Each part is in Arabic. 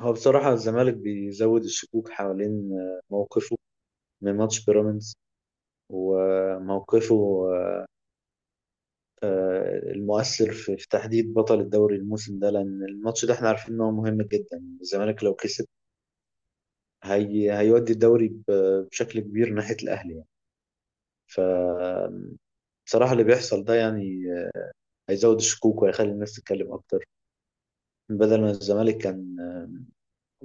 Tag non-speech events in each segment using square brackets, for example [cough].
هو بصراحة الزمالك بيزود الشكوك حوالين موقفه من ماتش بيراميدز، وموقفه المؤثر في تحديد بطل الدوري الموسم ده، لأن الماتش ده احنا عارفين إن هو مهم جدا. الزمالك لو كسب هي هيودي الدوري بشكل كبير ناحية الأهلي يعني. ف بصراحة اللي بيحصل ده يعني هيزود الشكوك وهيخلي الناس تتكلم أكتر. بدل ما الزمالك كان،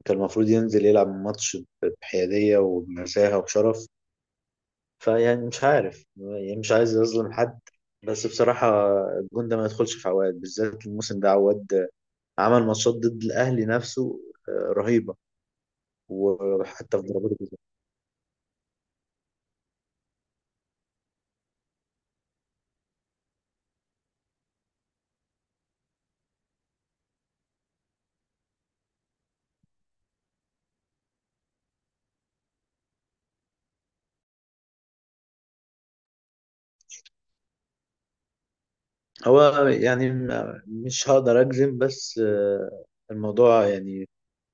المفروض ينزل يلعب ماتش بحيادية وبنزاهة وبشرف. فيعني مش عارف، يعني مش عايز أظلم حد، بس بصراحة الجون ده ما يدخلش في عواد. بالذات الموسم ده عواد عمل ماتشات ضد الأهلي نفسه رهيبة، وحتى في ضربات الجزاء. هو يعني مش هقدر أجزم، بس الموضوع يعني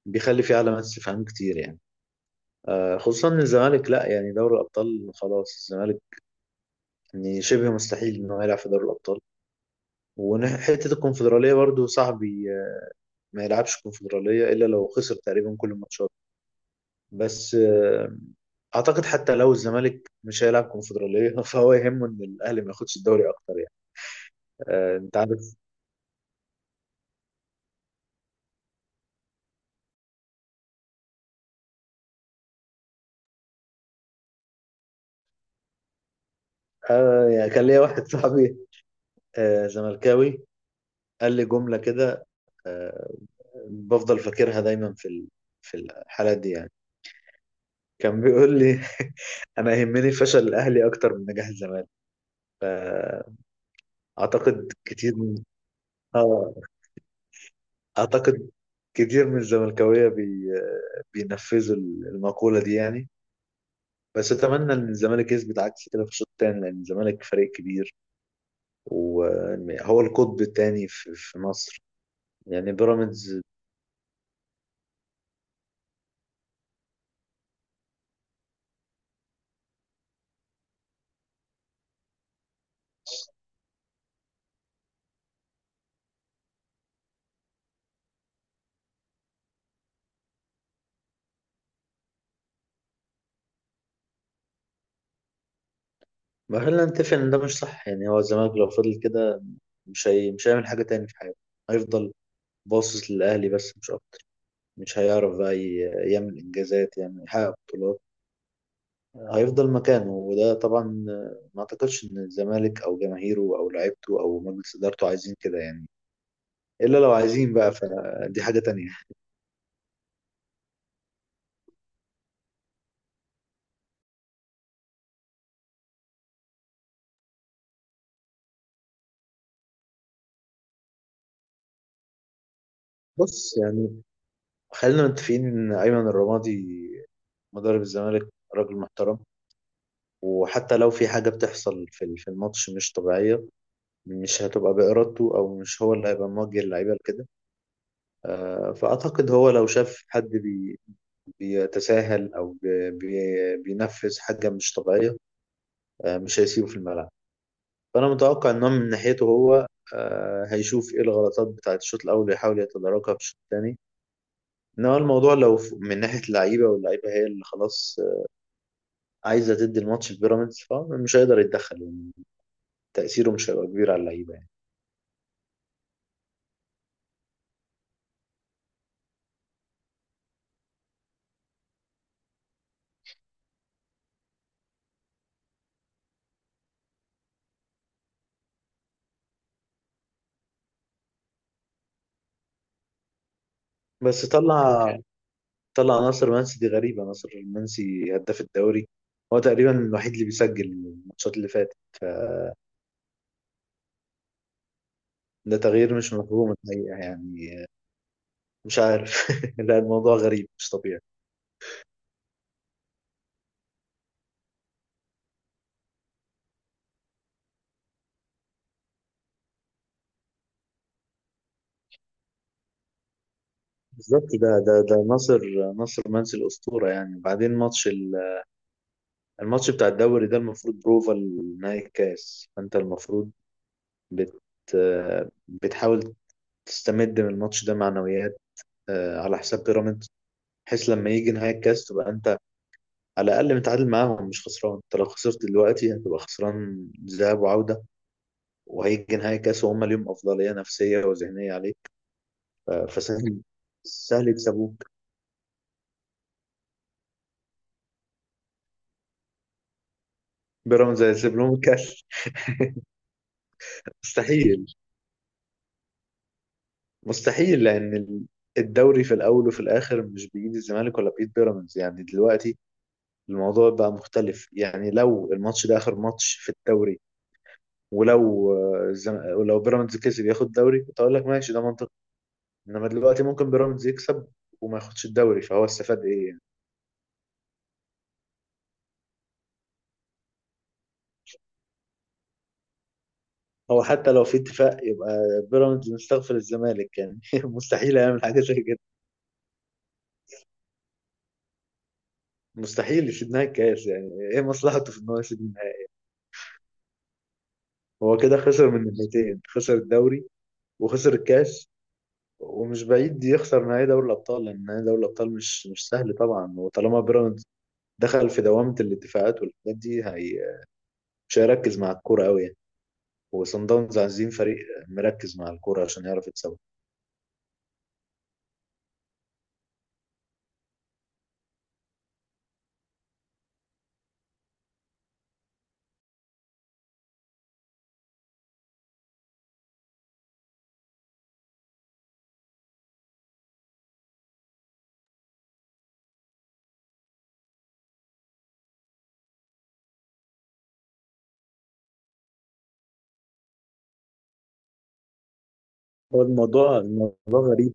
بيخلي فيه علامات استفهام كتير يعني، خصوصا إن الزمالك لا يعني دوري الأبطال خلاص. الزمالك يعني شبه مستحيل إنه يلعب في دوري الأبطال، وحتة الكونفدرالية برضو صعب، ما يلعبش كونفدرالية إلا لو خسر تقريبا كل الماتشات. بس أعتقد حتى لو الزمالك مش هيلعب كونفدرالية [laughs] فهو يهمه إن الأهلي ما ياخدش الدوري أكتر يعني. أنت عارف، يعني كان ليا واحد صاحبي زملكاوي قال لي جملة كده. آه، بفضل فاكرها دايما في الحالات دي. يعني كان بيقول لي [laughs] انا يهمني فشل الاهلي اكتر من نجاح الزمالك. فاعتقد كتير من اه أعتقد كتير من الزملكاوية بينفذوا المقولة دي يعني. بس أتمنى إن الزمالك يثبت عكس كده في الشوط التاني، لأن الزمالك فريق كبير وهو القطب التاني في مصر. يعني بيراميدز، ما خلينا نتفق إن ده مش صح يعني. هو الزمالك لو فضل كده مش هيعمل حاجة تاني في حياته. هيفضل باصص للأهلي، بس مش أكتر. مش هيعرف بقى يعمل إنجازات يعني، يحقق بطولات. هيفضل مكانه، وده طبعا ما اعتقدش ان الزمالك او جماهيره او لعيبته او مجلس ادارته عايزين كده يعني، الا لو عايزين بقى فدي حاجة تانية. بص يعني، خلينا متفقين ان ايمن الرمادي مدرب الزمالك راجل محترم، وحتى لو في حاجة بتحصل في الماتش مش طبيعية، مش هتبقى بإرادته أو مش هو اللي هيبقى موجه اللعيبة لكده. فأعتقد هو لو شاف حد بيتساهل أو بينفذ حاجة مش طبيعية، مش هيسيبه في الملعب. فأنا متوقع إن هو من ناحيته هو هيشوف إيه الغلطات بتاعة الشوط الأول ويحاول يتداركها في الشوط الثاني. إنما الموضوع لو من ناحية اللعيبة، واللعيبة هي اللي خلاص عايزة تدي الماتش لبيراميدز، فمش هيقدر يتدخل يعني. تأثيره مش هيبقى كبير على اللعيبة يعني. بس طلع، ناصر منسي دي غريبة. ناصر منسي هداف الدوري، هو تقريبا الوحيد اللي بيسجل الماتشات اللي فاتت. ده تغيير مش مفهوم الحقيقة يعني، مش عارف. [laughs] لا الموضوع غريب، مش طبيعي. بالظبط، ده ناصر منسي الأسطورة يعني. وبعدين ماتش الماتش بتاع الدوري ده المفروض بروفا لنهائي الكاس، فأنت المفروض بت بتحاول تستمد من الماتش ده معنويات على حساب بيراميدز، بحيث لما يجي نهائي الكاس تبقى أنت على الأقل متعادل معاهم، مش خسران. أنت لو خسرت دلوقتي هتبقى خسران ذهاب وعودة، وهيجي نهائي الكاس وهم ليهم أفضلية نفسية وذهنية عليك. فسهل، سهل يكسبوك. بيراميدز هيسيب لهم الكاس؟ مستحيل، مستحيل. لان الدوري في الاول وفي الاخر مش بايد الزمالك ولا بايد بيراميدز يعني. دلوقتي الموضوع بقى مختلف، يعني لو الماتش ده اخر ماتش في الدوري، ولو ولو بيراميدز كسب ياخد دوري، كنت اقول لك ماشي، ده منطقي. انما دلوقتي ممكن بيراميدز يكسب وما ياخدش الدوري، فهو استفاد ايه يعني؟ هو حتى لو في اتفاق، يبقى بيراميدز مستغفر الزمالك يعني. [laughs] مستحيل يعمل حاجه زي كده. مستحيل يسيب لنا الكاس يعني، ايه مصلحته في ان هو يسيب لنا؟ هو كده خسر من الناحيتين: خسر الدوري وخسر الكاس، ومش بعيد يخسر نهائي دوري الابطال، لان نهائي دوري الابطال مش سهل طبعا. وطالما بيراميدز دخل في دوامه الدفاعات والحاجات دي، هي مش هيركز مع الكوره قوي يعني. وصن داونز عايزين فريق مركز مع الكوره عشان يعرف يتسوق. هو الموضوع غريب،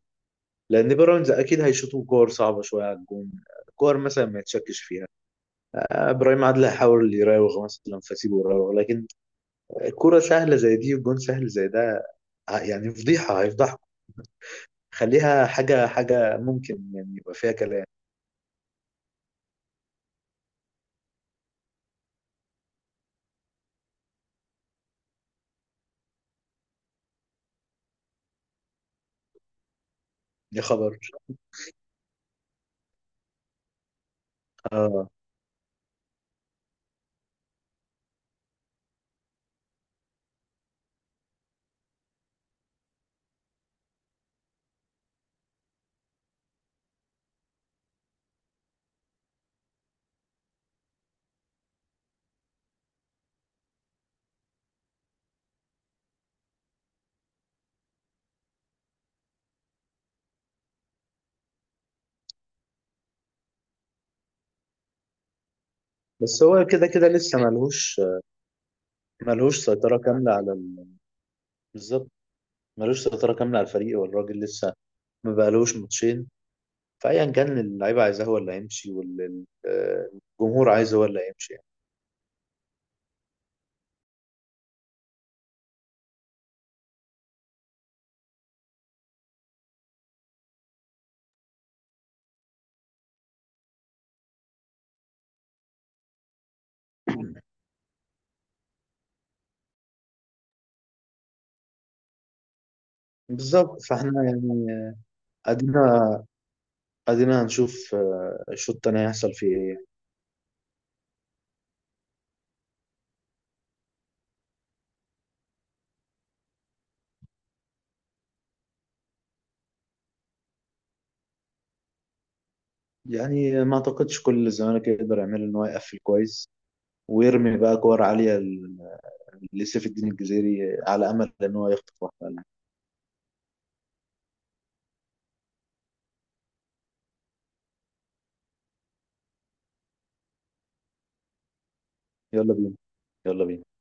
لان بيراميدز اكيد هيشوطوا كور صعبه شويه على الجون، كور مثلا ما يتشكش فيها. ابراهيم عادل هيحاول يراوغ مثلا فسيبه يراوغ، لكن الكوره سهله زي دي والجون سهل زي ده يعني فضيحه هيفضحكم. خليها حاجه، ممكن يعني يبقى فيها كلام. يا خبر. اه بس هو كده كده لسه ملهوش، سيطرة كاملة. بالظبط. ملوش سيطرة كاملة على الفريق، والراجل لسه ما بقالهوش ماتشين، فأيا كان اللعيبة عايزاه هو اللي هيمشي، والجمهور عايزه هو اللي هيمشي يعني. بالظبط، فاحنا يعني ادينا، هنشوف الشوط التاني هيحصل فيه ايه. يعني ما اعتقدش كل الزمالك يقدر يعمل ان هو يقفل كويس، ويرمي بقى كور عالية لسيف الدين الجزيري، على امل ان هو يخطف واحدة. يلا بينا، يلا بينا.